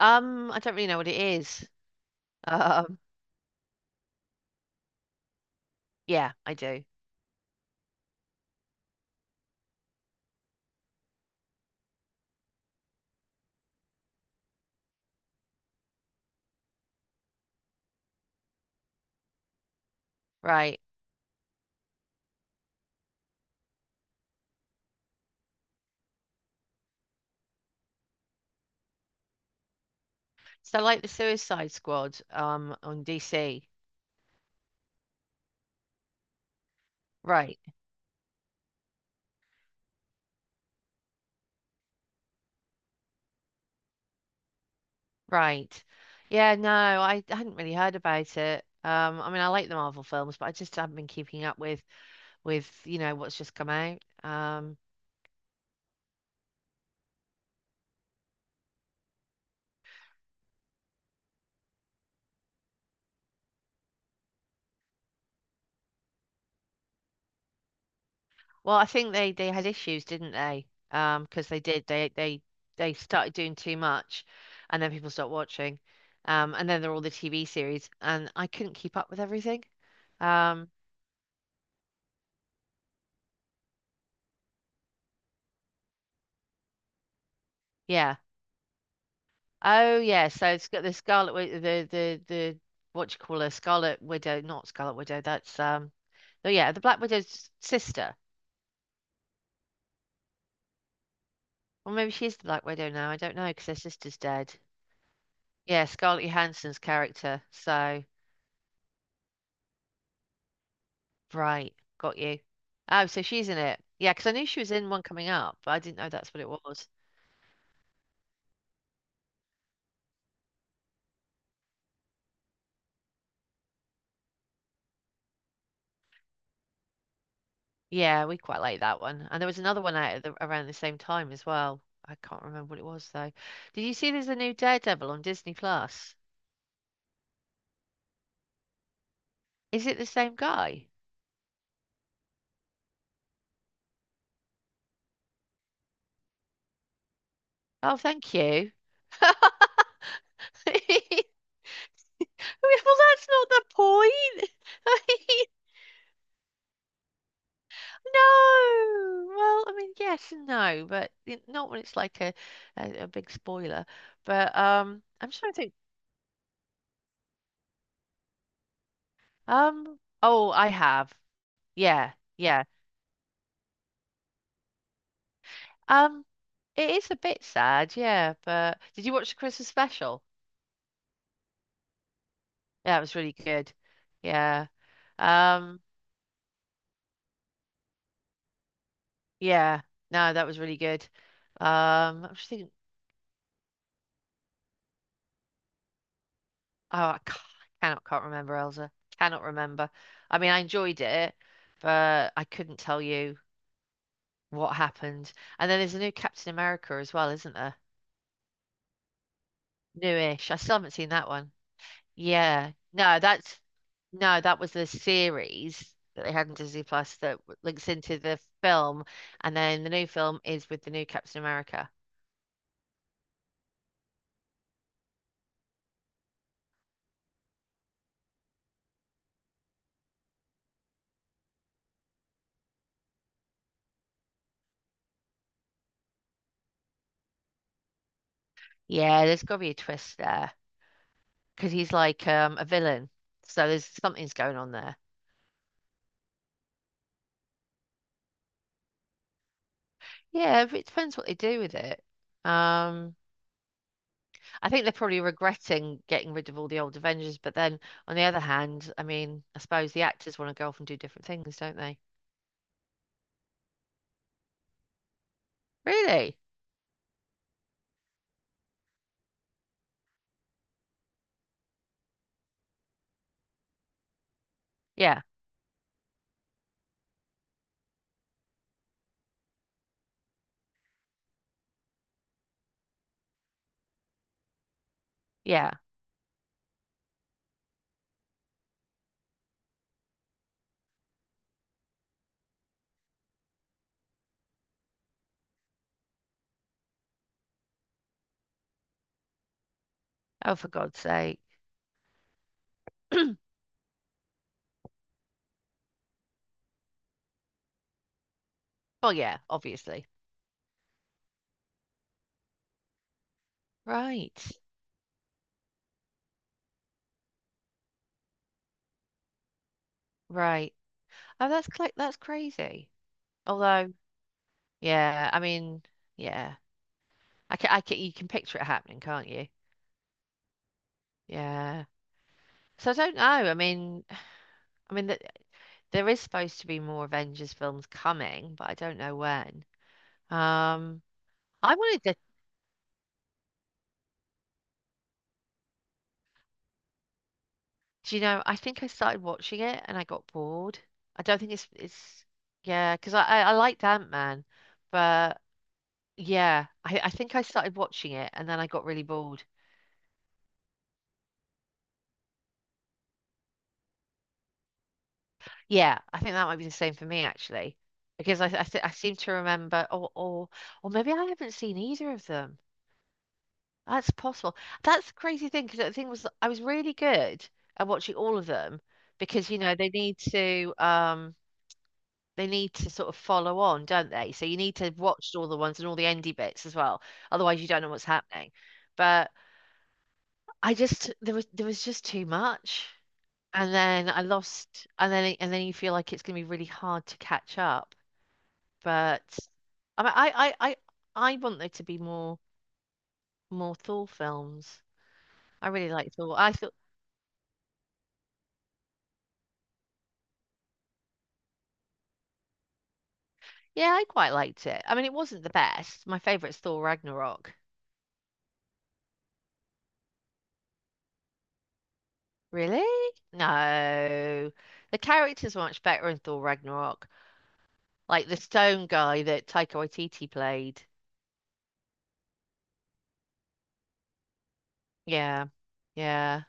I don't really know what it is. Um, yeah, I do. Right. So like the Suicide Squad, on DC. Right, right. Yeah, no, I hadn't really heard about it. I mean, I like the Marvel films, but I just haven't been keeping up with what's just come out. Well, I think they had issues, didn't they? Because they did they started doing too much, and then people stopped watching, and then there are all the TV series, and I couldn't keep up with everything. Um, yeah. Oh yeah. So it's got the Scarlet Wi- the what do you call her? Scarlet Widow, not Scarlet Widow. That's Oh yeah, the Black Widow's sister, or maybe she is the Black Widow now. I don't know because her sister's dead. Yeah, Scarlett Johansson's character. So. Right, got you. Oh, so she's in it. Yeah, because I knew she was in one coming up, but I didn't know that's what it was. Yeah, we quite like that one. And there was another one out at around the same time as well. I can't remember what it was though. Did you see there's a new Daredevil on Disney Plus? Is it the same guy? Oh, thank you. Well, that's not the point. I mean, no. Well, I mean, yes and no, but not when it's like a big spoiler. But I'm trying to think. Oh, I have. Yeah, yeah. Um, it is a bit sad, yeah, but did you watch the Christmas special? Yeah, it was really good. Yeah. Um, yeah. No, that was really good. I'm just thinking, oh, I ca- cannot, can't remember, Elsa. Cannot remember. I mean, I enjoyed it, but I couldn't tell you what happened. And then there's a new Captain America as well, isn't there? Newish. I still haven't seen that one. Yeah. No, that was the series that they had on Disney Plus that links into the film, and then the new film is with the new Captain America. Yeah, there's got to be a twist there because he's like a villain, so there's something's going on there. Yeah, but it depends what they do with it. Um, I think they're probably regretting getting rid of all the old Avengers, but then on the other hand, I mean, I suppose the actors want to go off and do different things, don't they? Really? Yeah, yeah. Oh, for God's sake. Oh yeah, obviously. Right. Right. Oh, that's crazy. Although, yeah, I mean, yeah. You can picture it happening, can't you? Yeah. So I don't know. I mean that there is supposed to be more Avengers films coming, but I don't know when. Um, I wanted to, do you know, I think I started watching it and I got bored. I don't think it's yeah, because I liked Ant-Man, but yeah, I think I started watching it and then I got really bored. Yeah, I think that might be the same for me actually, because I seem to remember, or maybe I haven't seen either of them. That's possible. That's the crazy thing because the thing was that I was really good at watching all of them because you know they need to sort of follow on, don't they? So you need to watch all the ones and all the endy bits as well. Otherwise, you don't know what's happening. But I just there was just too much, and then I lost, and then you feel like it's going to be really hard to catch up. But I mean, I want there to be more Thor films. I really like Thor. I thought, yeah, I quite liked it. I mean, it wasn't the best. My favorite's Thor Ragnarok. Really? No, the characters were much better in Thor Ragnarok. Like the stone guy that Taika Waititi played. Yeah, yeah.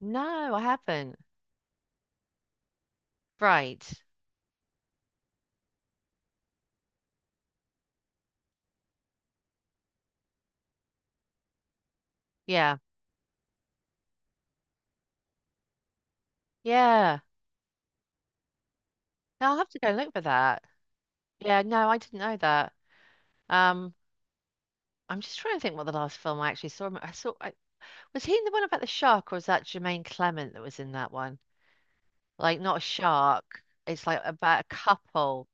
No, I haven't. Right. Yeah, yeah. No, I'll have to go look for that. Yeah, no, I didn't know that. Um. I'm just trying to think what the last film I actually saw. Was he in the one about the shark, or was that Jermaine Clement that was in that one? Like not a shark. It's like about a couple.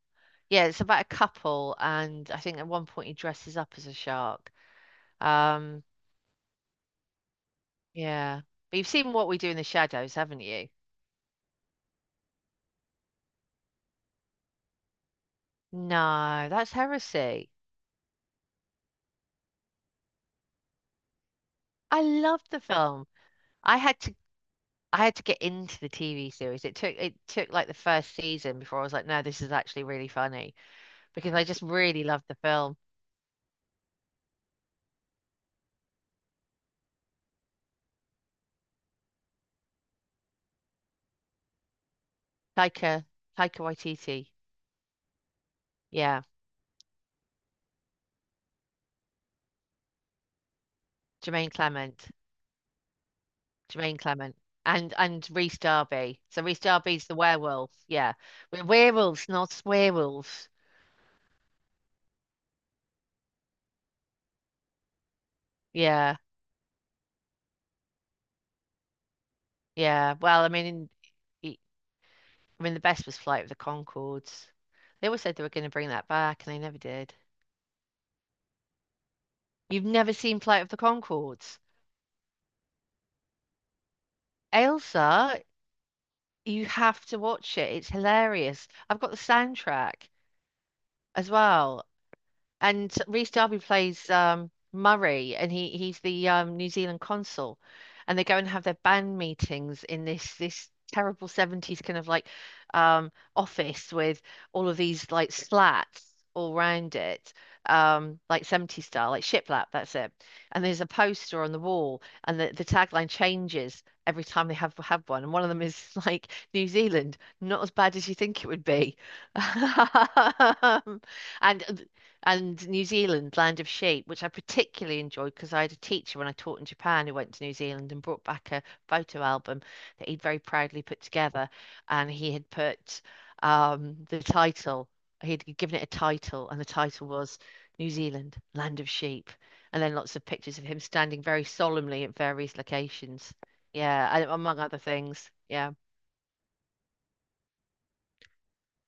Yeah, it's about a couple, and I think at one point he dresses up as a shark. Um, yeah, but you've seen What We Do in the Shadows, haven't you? No, that's heresy. I loved the film. I had to I had to get into the TV series. It took like the first season before I was like, no, this is actually really funny because I just really loved the film. Taika, Taika Waititi. Yeah. Jermaine Clement. Jermaine Clement. And Reese Darby. So Reese Darby's the werewolf. Yeah. We're werewolves, not werewolves. Yeah. Yeah. Well, I mean, in, I mean, the best was Flight of the Conchords. They always said they were going to bring that back, and they never did. You've never seen Flight of the Conchords, Ailsa, you have to watch it. It's hilarious. I've got the soundtrack as well. And Rhys Darby plays Murray, and he's the New Zealand consul, and they go and have their band meetings in this terrible 70s kind of like office with all of these like slats all round it, like 70s style, like shiplap, that's it. And there's a poster on the wall, and the tagline changes every time they have one. And one of them is like New Zealand, not as bad as you think it would be. Um, and New Zealand, Land of Sheep, which I particularly enjoyed because I had a teacher when I taught in Japan who went to New Zealand and brought back a photo album that he'd very proudly put together. And he had put um, the title, he'd given it a title, and the title was New Zealand, Land of Sheep. And then lots of pictures of him standing very solemnly at various locations. Yeah, and among other things. Yeah.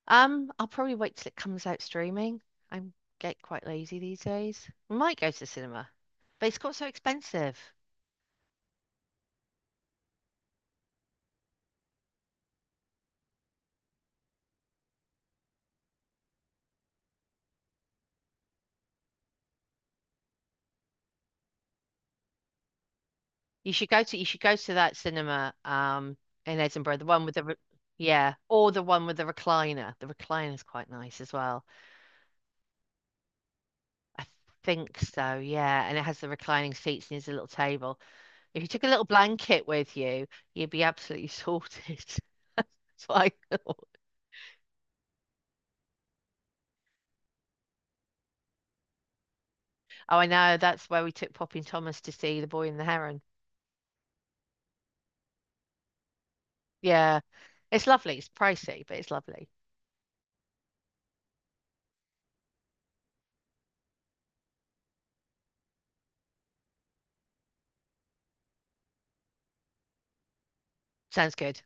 I'll probably wait till it comes out streaming. I get quite lazy these days. We might go to the cinema, but it's got so expensive. You should go to that cinema in Edinburgh, the one with the re yeah, or the one with the recliner. The recliner's quite nice as well. I think so, yeah. And it has the reclining seats and there's a little table. If you took a little blanket with you, you'd be absolutely sorted. It's like, oh, I know, that's where we took Poppy and Thomas to see The Boy and the Heron. Yeah. It's lovely. It's pricey, but it's lovely. Sounds good.